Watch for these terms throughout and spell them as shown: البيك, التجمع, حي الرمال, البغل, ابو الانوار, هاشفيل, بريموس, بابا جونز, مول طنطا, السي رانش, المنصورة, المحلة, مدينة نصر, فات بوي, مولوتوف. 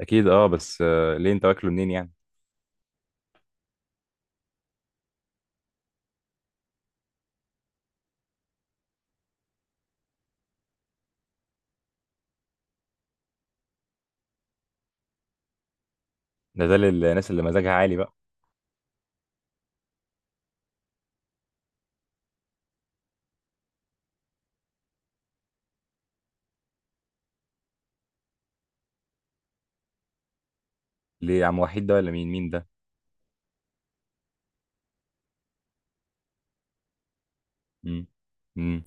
اكيد اه بس ليه انت واكله منين يعني. ده للناس اللي مزاجها عالي بقى. ليه عم وحيد ده، ولا مين ده؟ امم امم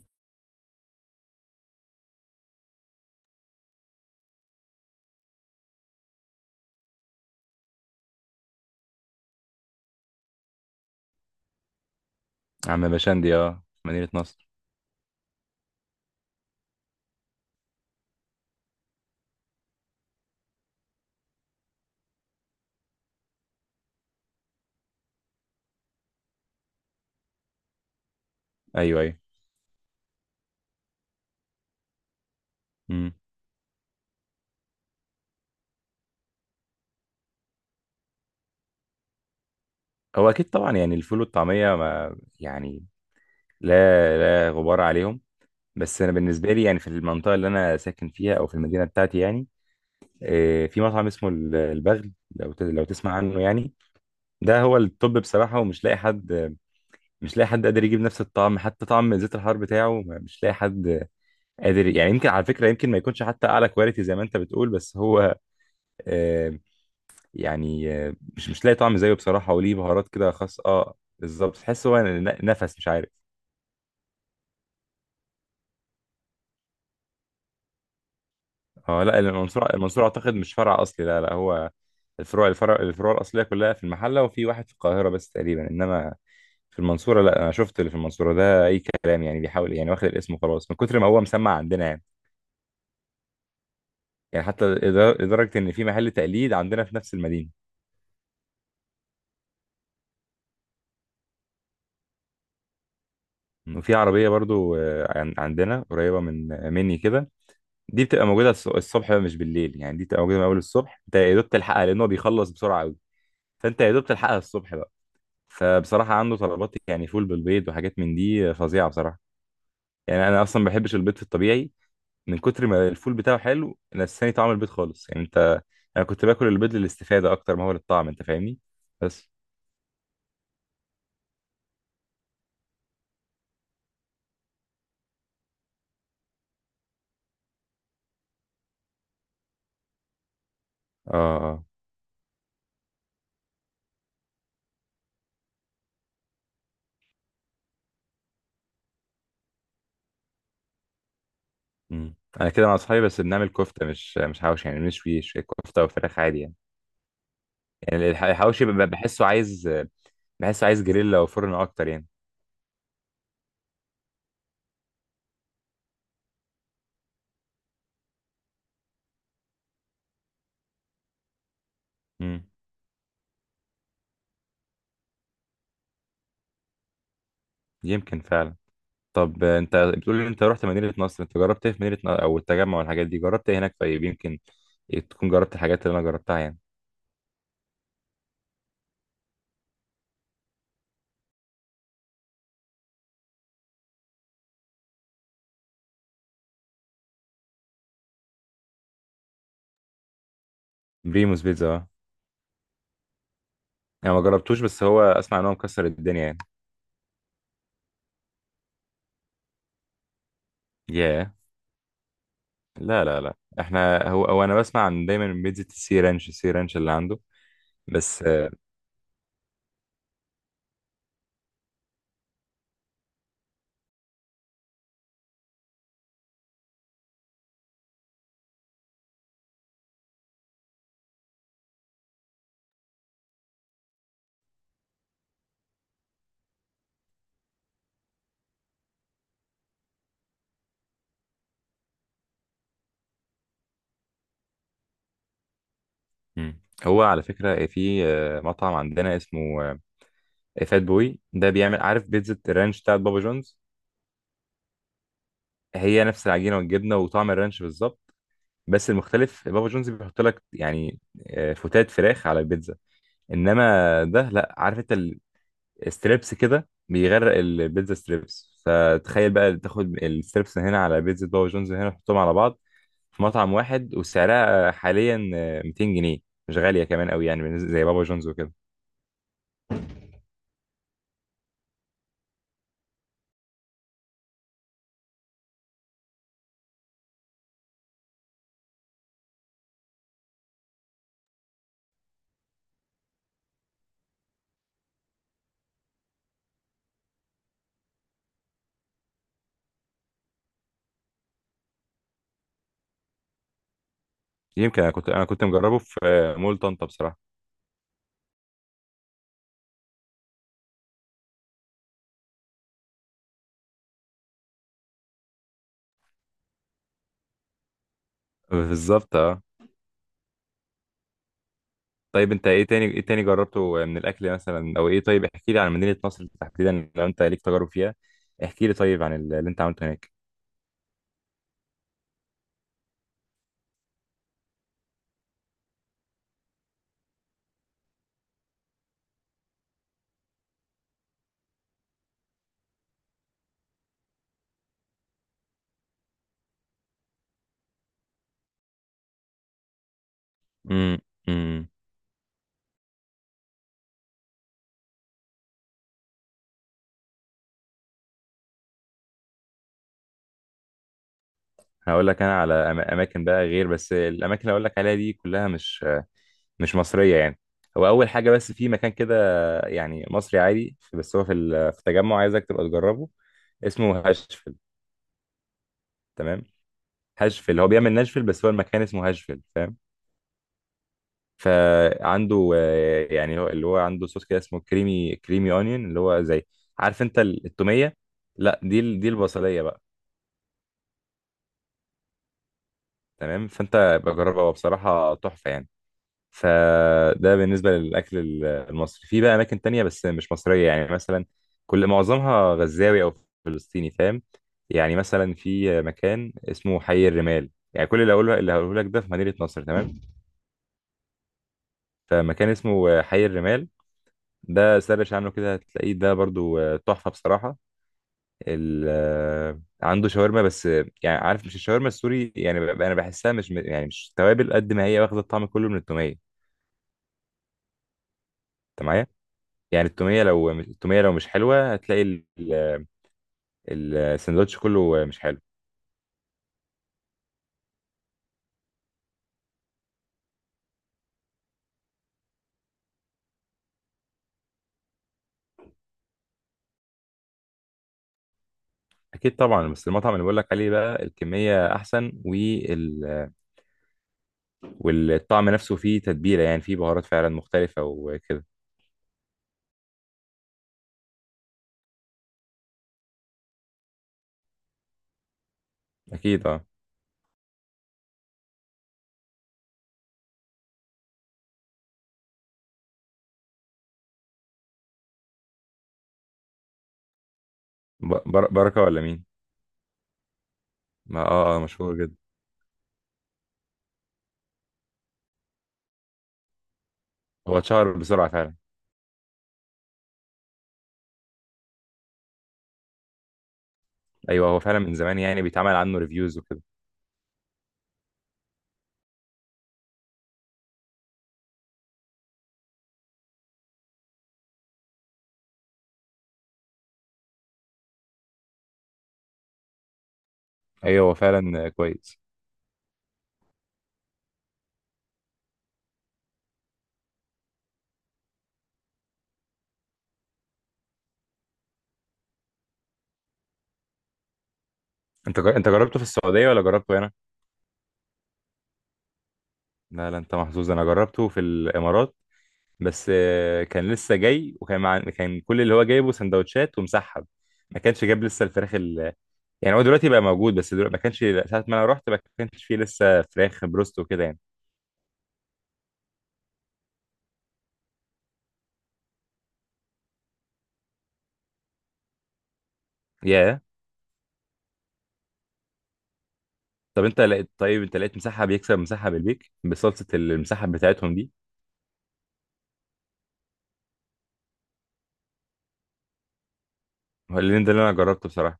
عم بشندي، اه مدينة نصر. ايوه ايوه. امم هو اكيد طبعا يعني الفول والطعمية ما يعني، لا لا غبار عليهم. بس انا بالنسبة لي يعني في المنطقة اللي انا ساكن فيها او في المدينة بتاعتي يعني في مطعم اسمه البغل، لو لو تسمع عنه يعني. ده هو التوب بصراحة، ومش لاقي حد مش لاقي حد قادر يجيب نفس الطعم، حتى طعم زيت الحار بتاعه مش لاقي حد قادر. يعني يمكن على فكرة، يمكن ما يكونش حتى أعلى كواليتي زي ما أنت بتقول، بس هو آه، يعني مش لاقي طعم زيه بصراحة، وليه بهارات كده خاصة، اه بالظبط. تحس هو نفس، مش عارف. اه، لا المنصورة، المنصورة أعتقد مش فرع أصلي. لا لا، هو الفروع الفروع الأصلية كلها في المحلة وفي واحد في القاهرة بس تقريبا. إنما في المنصورة، لا، أنا شفت اللي في المنصورة ده أي كلام يعني، بيحاول يعني، واخد الاسم وخلاص من كتر ما هو مسمع عندنا يعني. يعني حتى لدرجة إن في محل تقليد عندنا في نفس المدينة. وفي عربية برضو، عندنا قريبة من مني كده. دي بتبقى موجودة الصبح مش بالليل يعني، دي بتبقى موجودة من أول الصبح. أنت يا دوب تلحقها لأن هو بيخلص بسرعة أوي، فأنت يا دوب تلحقها الصبح بقى. فبصراحة عنده طلبات يعني فول بالبيض وحاجات من دي فظيعة بصراحة. يعني أنا أصلا ما بحبش البيض في الطبيعي، من كتر ما الفول بتاعه حلو نساني طعم البيض خالص يعني. أنت، أنا كنت باكل البيض للاستفادة أكتر ما هو للطعم، أنت فاهمني. بس آه آه آه. مم. أنا كده مع أصحابي بس بنعمل كفتة، مش حواوشي يعني، بنشوي شوية كفتة وفراخ عادي يعني. يعني الحواوشي، بحسه عايز جريلا وفرن اكتر يعني. امم يمكن فعلا. طب انت بتقول لي انت رحت مدينة نصر، انت جربت ايه في مدينة نصر او التجمع والحاجات دي، جربت ايه هناك؟ طيب يمكن تكون جربت الحاجات اللي انا جربتها يعني. بريموس بيتزا، اه. انا ما جربتوش، بس هو اسمع ان هو مكسر الدنيا يعني. ياه. لا لا لا احنا، هو انا بسمع عن دايما من بيتزا السي رانش، السي رانش اللي عنده. بس مم. هو على فكرة في مطعم عندنا اسمه فات بوي، ده بيعمل عارف بيتزا الرانش بتاعت بابا جونز. هي نفس العجينه والجبنه وطعم الرانش بالظبط، بس المختلف بابا جونز بيحط لك يعني فتات فراخ على البيتزا. انما ده، لا عارف انت الستريبس كده بيغرق البيتزا ستريبس، فتخيل بقى تاخد الستريبس هنا على بيتزا بابا جونز هنا تحطهم على بعض في مطعم واحد. وسعرها حاليا 200 جنيه، مش غاليه كمان قوي يعني بالنسبة- زي بابا جونز وكده. يمكن انا كنت مجربه في مول طنطا بصراحه. بالظبط، اه. طيب انت ايه تاني، ايه تاني جربته من الاكل مثلا، او ايه؟ طيب احكي لي عن مدينة نصر تحديدا لو انت ليك تجارب فيها، احكي لي طيب عن اللي انت عملته هناك. امم امم هقول لك انا على اماكن بقى، غير بس الاماكن اللي هقول لك عليها دي كلها مش مصرية يعني. هو اول حاجة، بس في مكان كده يعني مصري عادي، بس هو في في التجمع عايزك تبقى تجربه، اسمه هاشفيل. تمام. هاشفيل هو بيعمل ناشفيل، بس هو المكان اسمه هاشفيل فاهم. فعنده يعني هو اللي هو عنده صوص كده اسمه كريمي كريمي اونيون، اللي هو زي، عارف انت التوميه. لا، دي البصليه بقى. تمام، فانت بجربها، هو بصراحه تحفه يعني. فده بالنسبه للاكل المصري. في بقى اماكن تانية بس مش مصريه يعني، مثلا، كل معظمها غزاوي او فلسطيني فاهم. يعني مثلا في مكان اسمه حي الرمال، يعني كل اللي هقوله، اللي هقوله لك ده في مدينه نصر تمام. فمكان اسمه حي الرمال، ده سرش عنه كده هتلاقيه، ده برضو تحفة بصراحة. ال آه، عنده شاورما، بس يعني عارف، مش الشاورما السوري يعني، انا بحسها مش يعني مش توابل قد ما هي واخدة الطعم كله من التومية. انت معايا؟ يعني التومية، لو التومية لو مش حلوة هتلاقي السندوتش كله مش حلو. اكيد طبعا بس المطعم اللي بقول لك عليه بقى الكمية احسن وال والطعم نفسه فيه تتبيلة يعني فيه بهارات فعلا مختلفة وكده اكيد اه. بركة ولا مين؟ ما مشهور جدا. هو اتشهر بسرعة فعلا. ايوه هو فعلا من زمان يعني بيتعمل عنه ريفيوز وكده. ايوه هو فعلا كويس. انت جربته في السعودية ولا جربته هنا؟ لا لا، انت محظوظ، انا جربته في الامارات. بس كان لسه جاي، وكان مع... كان كل اللي هو جايبه سندوتشات ومسحب، ما كانش جاب لسه يعني. هو دلوقتي بقى موجود، بس دلوقتي ما كانش، ساعة ما انا رحت ما كانش فيه لسه فراخ بروست وكده يعني. ياه. طب انت لقيت طيب انت لقيت مسحب يكسب مسحب البيك، بصلصة المسحب بتاعتهم دي؟ هو اللي ده اللي انا جربته بصراحة.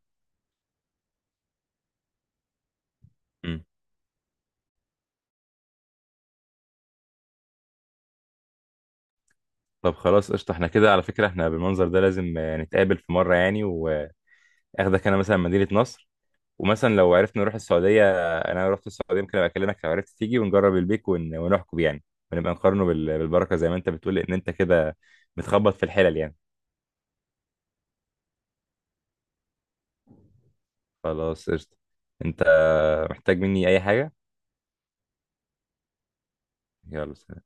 طب خلاص قشطة، احنا كده على فكرة احنا بالمنظر ده لازم نتقابل في مرة يعني، واخدك انا مثلا مدينة نصر، ومثلا لو عرفت نروح السعودية. انا لو رحت السعودية ممكن ابقى اكلمك، لو عرفت تيجي ونجرب البيك ونحكم يعني، ونبقى نقارنه بالبركة زي ما انت بتقول، ان انت كده بتخبط في الحلل يعني. خلاص قشطة، انت محتاج مني اي حاجة؟ يلا سلام.